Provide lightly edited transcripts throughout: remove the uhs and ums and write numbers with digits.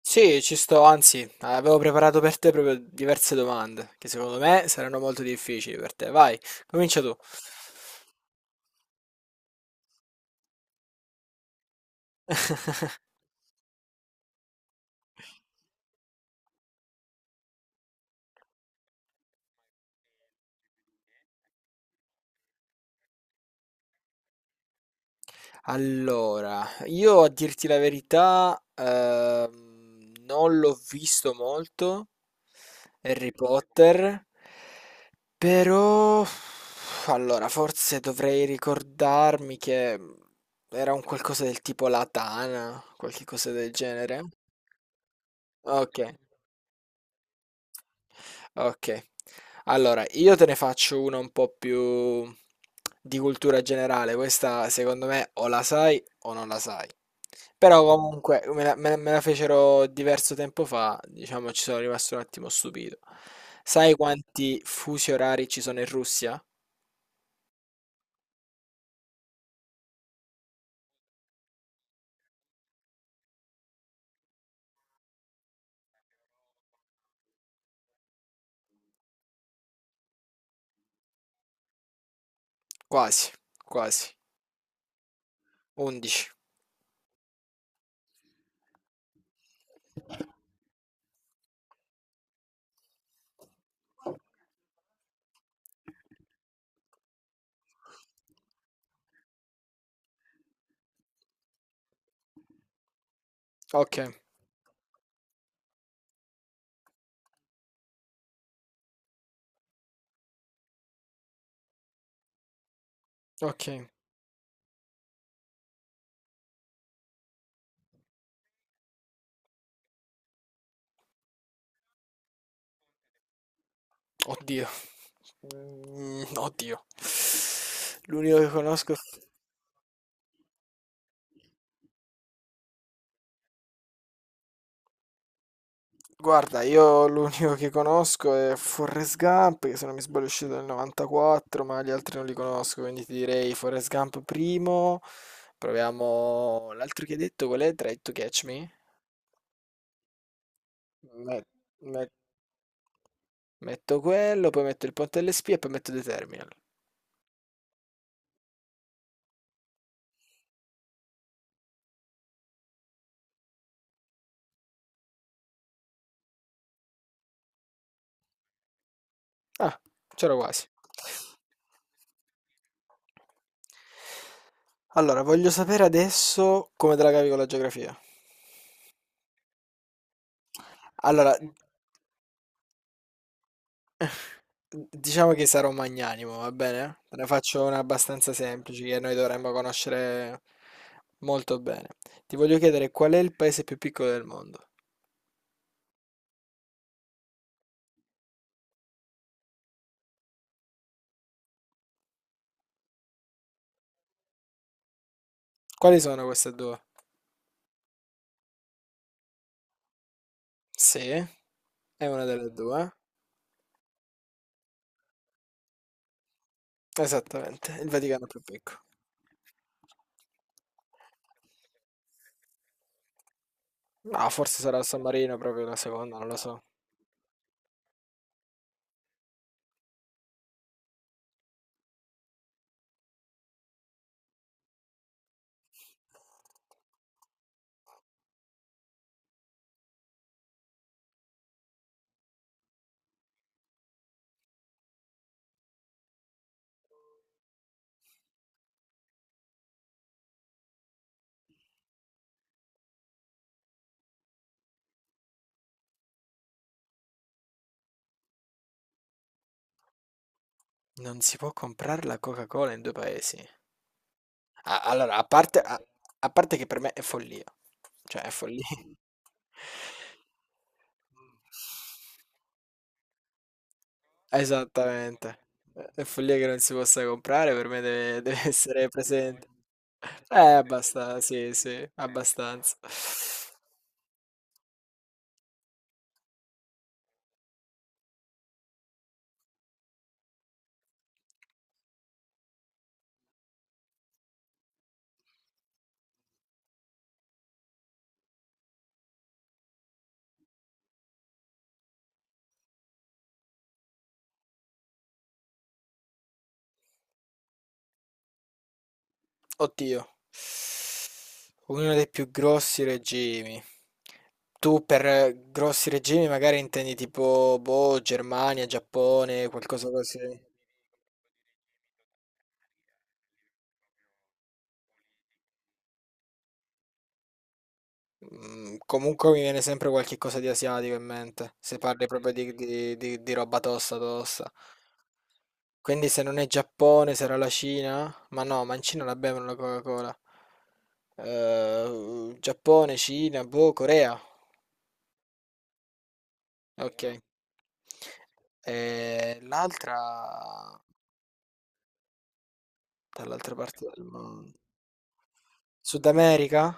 Sì, ci sto, anzi, avevo preparato per te proprio diverse domande, che secondo me saranno molto difficili per te. Vai, comincia tu. Allora, io a dirti la verità, non l'ho visto molto, Harry Potter, però, allora, forse dovrei ricordarmi che era un qualcosa del tipo la tana, qualche cosa del genere. Ok. Ok, allora io te ne faccio una un po' più di cultura generale. Questa secondo me o la sai o non la sai. Però comunque me la fecero diverso tempo fa, diciamo ci sono rimasto un attimo stupito. Sai quanti fusi orari ci sono in Russia? Quasi, quasi, 11. Ok, ok. Oddio. Oddio. L'unico che conosco... Guarda, io l'unico che conosco è Forrest Gump, che se non mi sbaglio è uscito nel 94, ma gli altri non li conosco, quindi ti direi Forrest Gump primo. Proviamo l'altro che hai detto, qual è? Try to Catch Me? Met- met- metto quello, poi metto il ponte delle spie e poi metto The Terminal. Ah, c'ero quasi. Allora, voglio sapere adesso come te la cavi con la geografia. Allora, diciamo che sarò magnanimo, va bene? Te ne faccio una abbastanza semplice che noi dovremmo conoscere molto bene. Ti voglio chiedere qual è il paese più piccolo del mondo? Quali sono queste due? Sì, è una delle due. Esattamente, il Vaticano è più piccolo. No, forse sarà il San Marino proprio la seconda, non lo so. Non si può comprare la Coca-Cola in due paesi. A- allora, a parte, a, a parte che per me è follia. Cioè, è follia. Esattamente. È follia che non si possa comprare, per me deve, deve essere presente. Abbastanza, sì, sì, abbastanza. Oddio, uno dei più grossi regimi. Tu per grossi regimi magari intendi tipo, boh, Germania, Giappone, qualcosa così. Mm, comunque mi viene sempre qualche cosa di asiatico in mente, se parli proprio di, di roba tosta tosta. Quindi se non è Giappone, sarà la Cina? Ma no, ma in Cina la bevono la Coca-Cola. Giappone, Cina, boh, Corea. Ok. L'altra dall'altra parte del mondo. Sud America?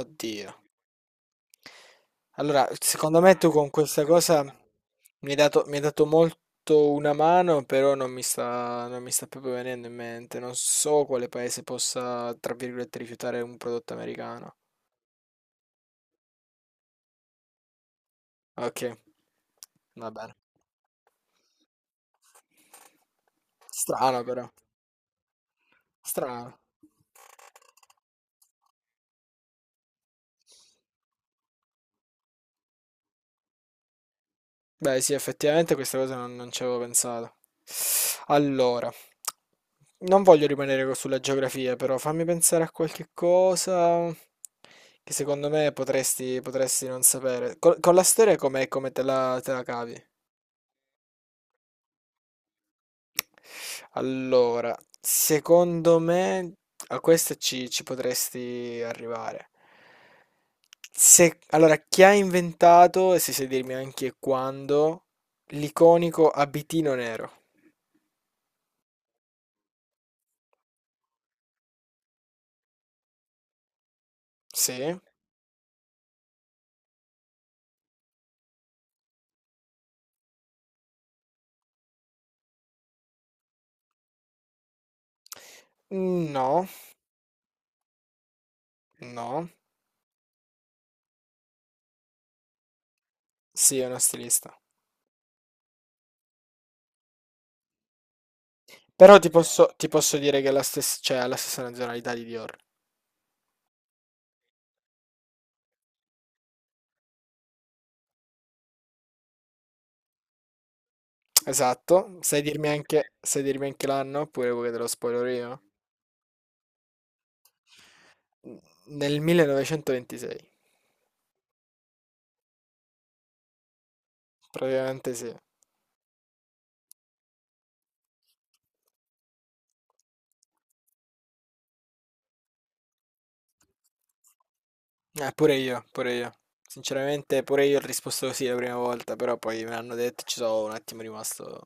Oddio. Allora, secondo me tu con questa cosa mi hai dato molto una mano, però non mi sta proprio venendo in mente. Non so quale paese possa, tra virgolette, rifiutare un prodotto americano. Ok, va bene. Strano però. Strano. Beh, sì, effettivamente questa cosa non ci avevo pensato. Allora, non voglio rimanere sulla geografia, però fammi pensare a qualche cosa che secondo me potresti non sapere. Con, la storia com'è, come te la cavi? Allora, secondo me a questa ci potresti arrivare. Se, allora, chi ha inventato, e se sai dirmi anche quando, l'iconico abitino nero? Sì, no, no, sì, è una stilista. Però ti posso dire che è la stessa, cioè, ha la stessa nazionalità di Dior. Esatto, sai dirmi anche l'anno oppure vuoi che te lo spoiler io? N- Nel 1926, praticamente sì. Pure io, pure io. Sinceramente, pure io ho risposto così la prima volta, però poi me l'hanno detto e ci sono un attimo rimasto.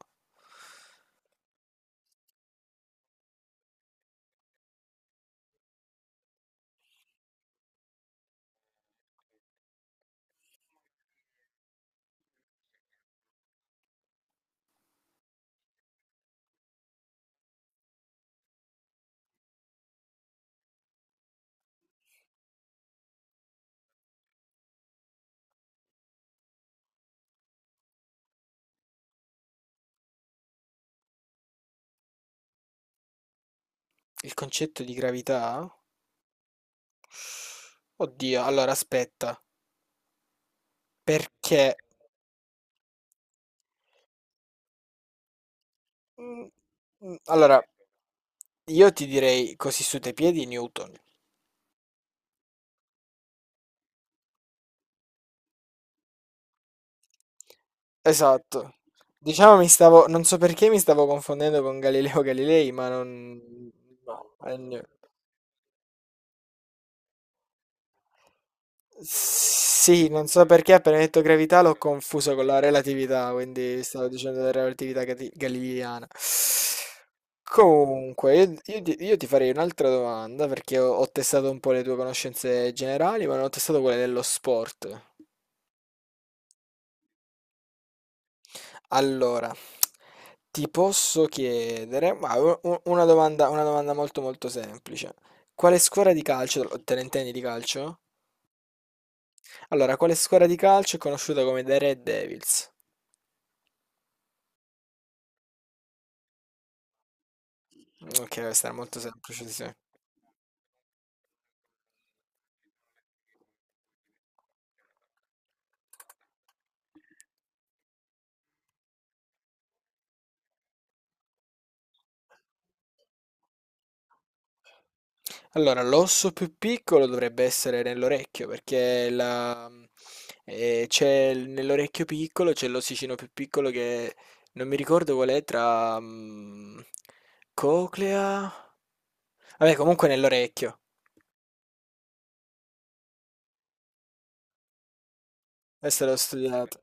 Il concetto di gravità? Oddio, allora aspetta. Perché? Mh, allora io ti direi così su dei piedi Newton. Esatto. Diciamo mi stavo non so perché mi stavo confondendo con Galileo Galilei, ma non no, sì, non so perché appena hai detto gravità l'ho confuso con la relatività, quindi stavo dicendo della relatività galileiana. Comunque, io ti farei un'altra domanda perché ho testato un po' le tue conoscenze generali, ma non ho testato quelle dello sport. Allora, ti posso chiedere, ma una domanda molto molto semplice. Quale squadra di calcio, te ne intendi di calcio? Allora, quale squadra di calcio è conosciuta come The Red Devils? Ok, questa era molto semplice, sì, sì. Allora, l'osso più piccolo dovrebbe essere nell'orecchio, perché c'è nell'orecchio piccolo c'è l'ossicino più piccolo che non mi ricordo qual è tra coclea. Vabbè, comunque nell'orecchio. Essere studiato